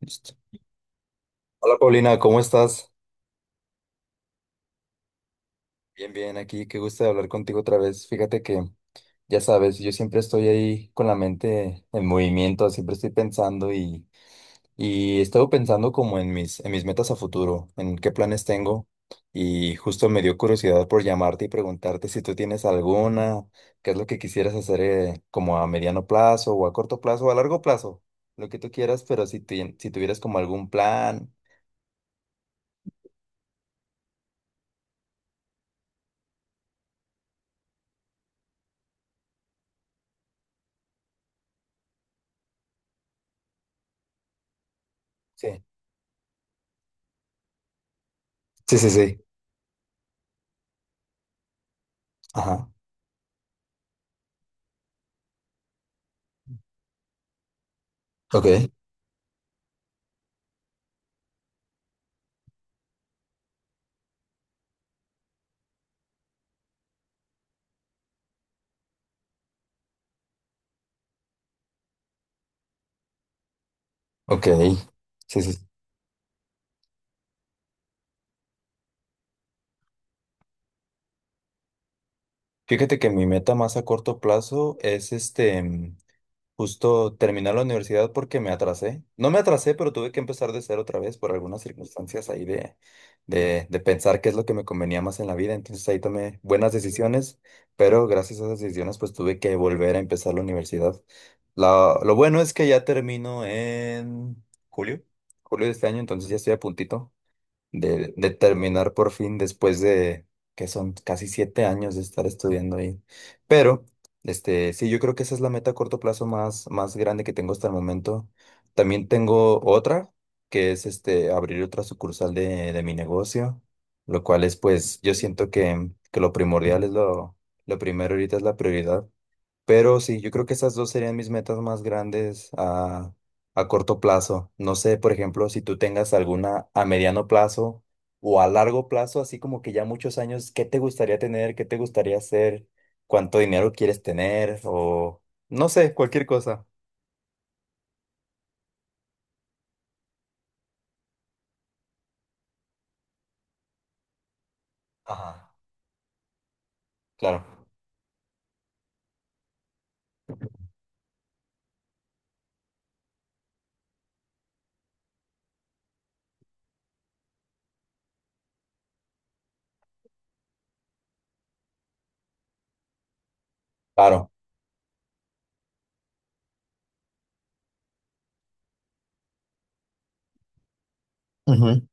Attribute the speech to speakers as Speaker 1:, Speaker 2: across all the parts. Speaker 1: Listo. Hola Paulina, ¿cómo estás? Bien, bien, aquí, qué gusto de hablar contigo otra vez. Fíjate que, ya sabes, yo siempre estoy ahí con la mente en movimiento, siempre estoy pensando y he estado pensando como en en mis metas a futuro, en qué planes tengo y justo me dio curiosidad por llamarte y preguntarte si tú tienes alguna, qué es lo que quisieras hacer como a mediano plazo o a corto plazo o a largo plazo, lo que tú quieras, pero si, si tuvieras como algún plan. Sí. Sí, sí, sí. Ajá. Ok. Ok, sí, sí. Fíjate que mi meta más a corto plazo es este, justo terminar la universidad porque me atrasé. No me atrasé, pero tuve que empezar de cero otra vez por algunas circunstancias ahí de, de pensar qué es lo que me convenía más en la vida. Entonces ahí tomé buenas decisiones, pero gracias a esas decisiones pues tuve que volver a empezar la universidad. Lo bueno es que ya termino en julio, julio de este año, entonces ya estoy a puntito de terminar por fin después de que son casi 7 años de estar estudiando ahí. Pero, este, sí, yo creo que esa es la meta a corto plazo más, más grande que tengo hasta el momento. También tengo otra, que es este, abrir otra sucursal de mi negocio, lo cual es, pues, yo siento que lo primordial es lo primero ahorita es la prioridad. Pero sí, yo creo que esas dos serían mis metas más grandes a corto plazo. No sé, por ejemplo, si tú tengas alguna a mediano plazo o a largo plazo, así como que ya muchos años, ¿qué te gustaría tener? ¿Qué te gustaría hacer? ¿Cuánto dinero quieres tener? O no sé, cualquier cosa. Ajá, claro. Claro. Ujú.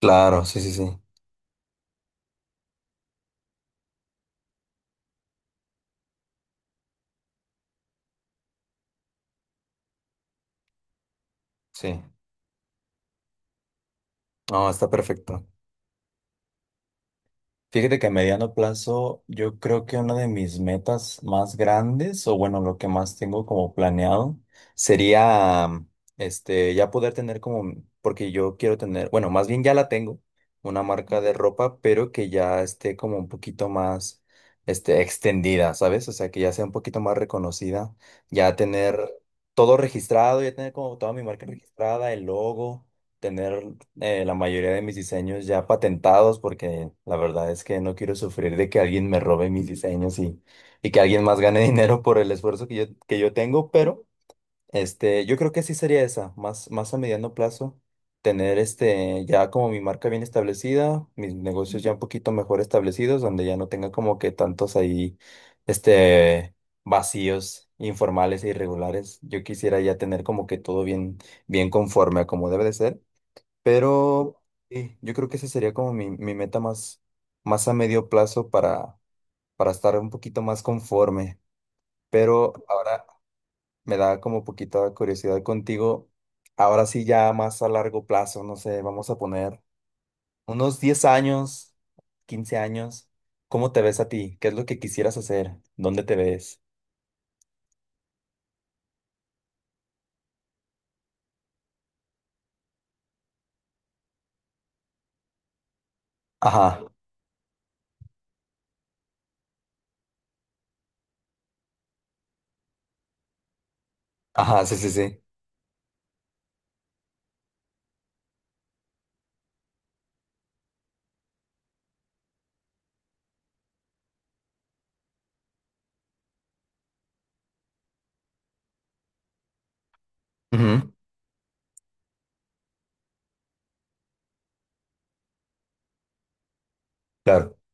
Speaker 1: Claro, sí, sí, sí. Sí. No, está perfecto. Fíjate que a mediano plazo, yo creo que una de mis metas más grandes, o bueno, lo que más tengo como planeado, sería este ya poder tener como, porque yo quiero tener, bueno, más bien ya la tengo, una marca de ropa, pero que ya esté como un poquito más este extendida, ¿sabes? O sea, que ya sea un poquito más reconocida, ya tener todo registrado, ya tener como toda mi marca registrada, el logo tener la mayoría de mis diseños ya patentados porque la verdad es que no quiero sufrir de que alguien me robe mis diseños y que alguien más gane dinero por el esfuerzo que yo tengo, pero este, yo creo que sí sería esa, más, más a mediano plazo, tener este, ya como mi marca bien establecida, mis negocios ya un poquito mejor establecidos, donde ya no tenga como que tantos ahí, este, vacíos informales e irregulares. Yo quisiera ya tener como que todo bien, bien conforme a como debe de ser. Pero sí, yo creo que esa sería como mi meta más, más a medio plazo para estar un poquito más conforme. Pero ahora me da como poquita curiosidad contigo. Ahora sí, ya más a largo plazo, no sé, vamos a poner unos 10 años, 15 años. ¿Cómo te ves a ti? ¿Qué es lo que quisieras hacer? ¿Dónde te ves? Ajá, ajá, sí, sí, sí. Ujú, claro.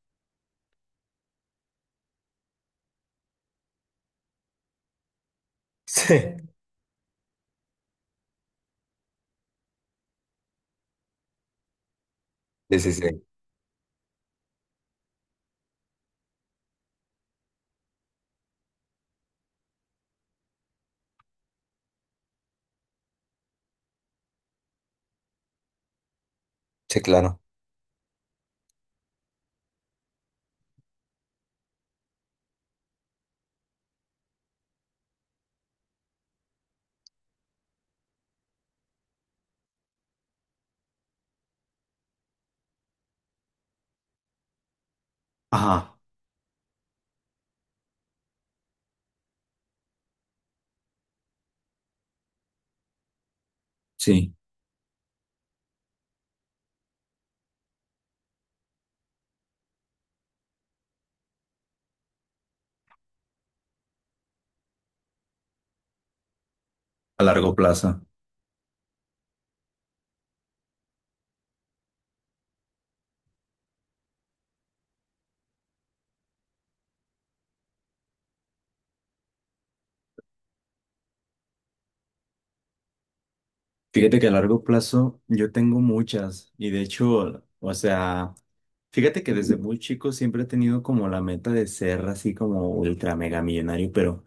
Speaker 1: Sí, sí, sí, sí, sí, claro. Ajá, sí, a largo plazo. Fíjate que a largo plazo yo tengo muchas y de hecho, o sea, fíjate que desde muy chico siempre he tenido como la meta de ser así como ultra mega millonario, pero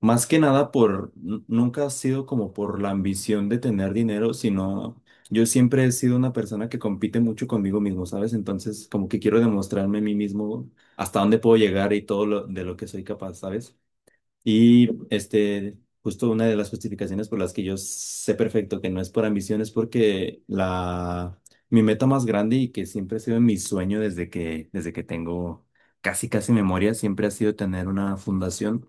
Speaker 1: más que nada por, nunca ha sido como por la ambición de tener dinero, sino yo siempre he sido una persona que compite mucho conmigo mismo, ¿sabes? Entonces como que quiero demostrarme a mí mismo hasta dónde puedo llegar y todo lo, de lo que soy capaz, ¿sabes? Y este, justo una de las justificaciones por las que yo sé perfecto que no es por ambición es porque la, mi meta más grande y que siempre ha sido mi sueño desde que tengo casi, casi memoria, siempre ha sido tener una fundación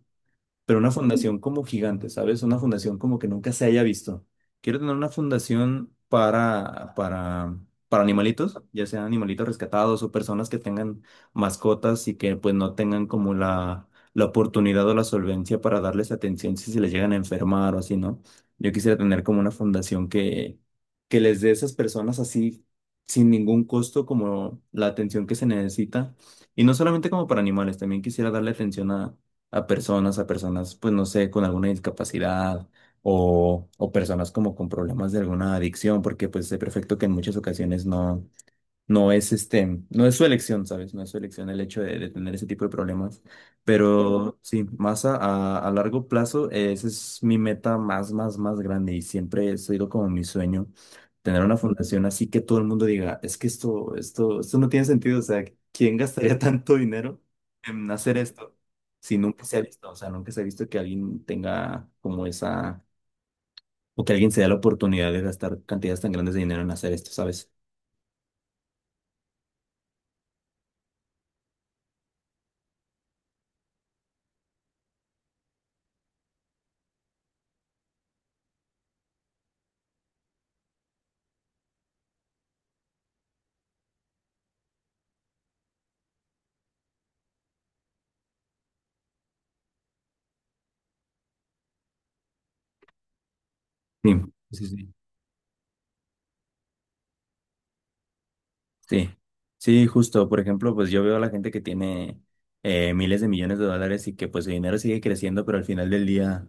Speaker 1: pero una fundación como gigante, ¿sabes? Una fundación como que nunca se haya visto. Quiero tener una fundación para animalitos, ya sean animalitos rescatados o personas que tengan mascotas y que pues no tengan como la oportunidad o la solvencia para darles atención si se les llegan a enfermar o así, ¿no? Yo quisiera tener como una fundación que les dé a esas personas así sin ningún costo como la atención que se necesita. Y no solamente como para animales, también quisiera darle atención a a personas, pues no sé, con alguna discapacidad o personas como con problemas de alguna adicción, porque pues sé perfecto que en muchas ocasiones no. No es este, no es su elección, ¿sabes? No es su elección el hecho de tener ese tipo de problemas. Pero sí, más a, a largo plazo, esa es mi meta más, más, más grande y siempre ha sido como mi sueño, tener una fundación así que todo el mundo diga, es que esto no tiene sentido, o sea, ¿quién gastaría tanto dinero en hacer esto si nunca se ha visto? O sea, nunca se ha visto que alguien tenga como esa, o que alguien se dé la oportunidad de gastar cantidades tan grandes de dinero en hacer esto, ¿sabes? Sí, sí, sí. Sí, sí, justo. Por ejemplo, pues yo veo a la gente que tiene miles de millones de dólares y que pues el dinero sigue creciendo, pero al final del día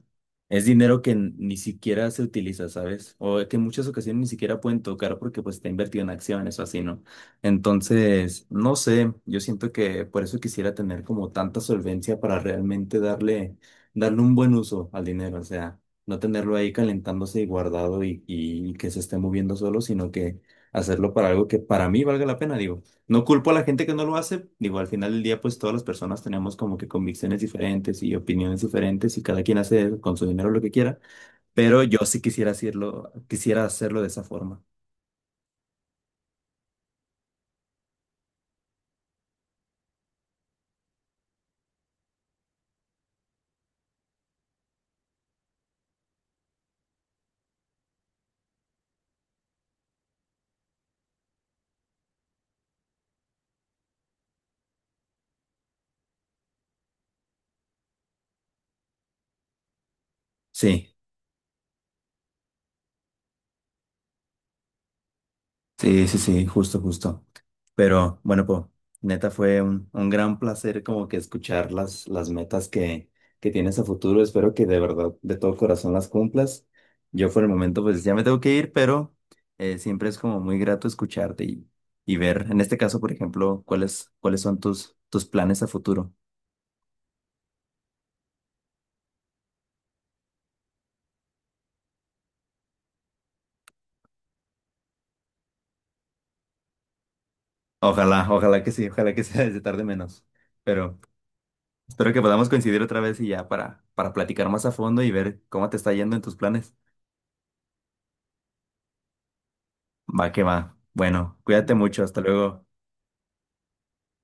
Speaker 1: es dinero que ni siquiera se utiliza, ¿sabes? O que en muchas ocasiones ni siquiera pueden tocar porque pues está invertido en acciones o así, ¿no? Entonces, no sé, yo siento que por eso quisiera tener como tanta solvencia para realmente darle, darle un buen uso al dinero, o sea, no tenerlo ahí calentándose y guardado y que se esté moviendo solo, sino que hacerlo para algo que para mí valga la pena, digo. No culpo a la gente que no lo hace, digo, al final del día pues todas las personas tenemos como que convicciones diferentes y opiniones diferentes y cada quien hace con su dinero lo que quiera, pero yo sí quisiera hacerlo de esa forma. Sí. Sí, sí, sí, justo, justo. Pero bueno, pues neta fue un gran placer como que escuchar las metas que tienes a futuro. Espero que de verdad, de todo corazón las cumplas. Yo por el momento pues ya me tengo que ir, pero siempre es como muy grato escucharte y ver, en este caso, por ejemplo, cuáles, cuáles son tus, tus planes a futuro. Ojalá, ojalá que sí, ojalá que sea desde tarde menos. Pero espero que podamos coincidir otra vez y ya para platicar más a fondo y ver cómo te está yendo en tus planes. Va que va. Bueno, cuídate mucho, hasta luego.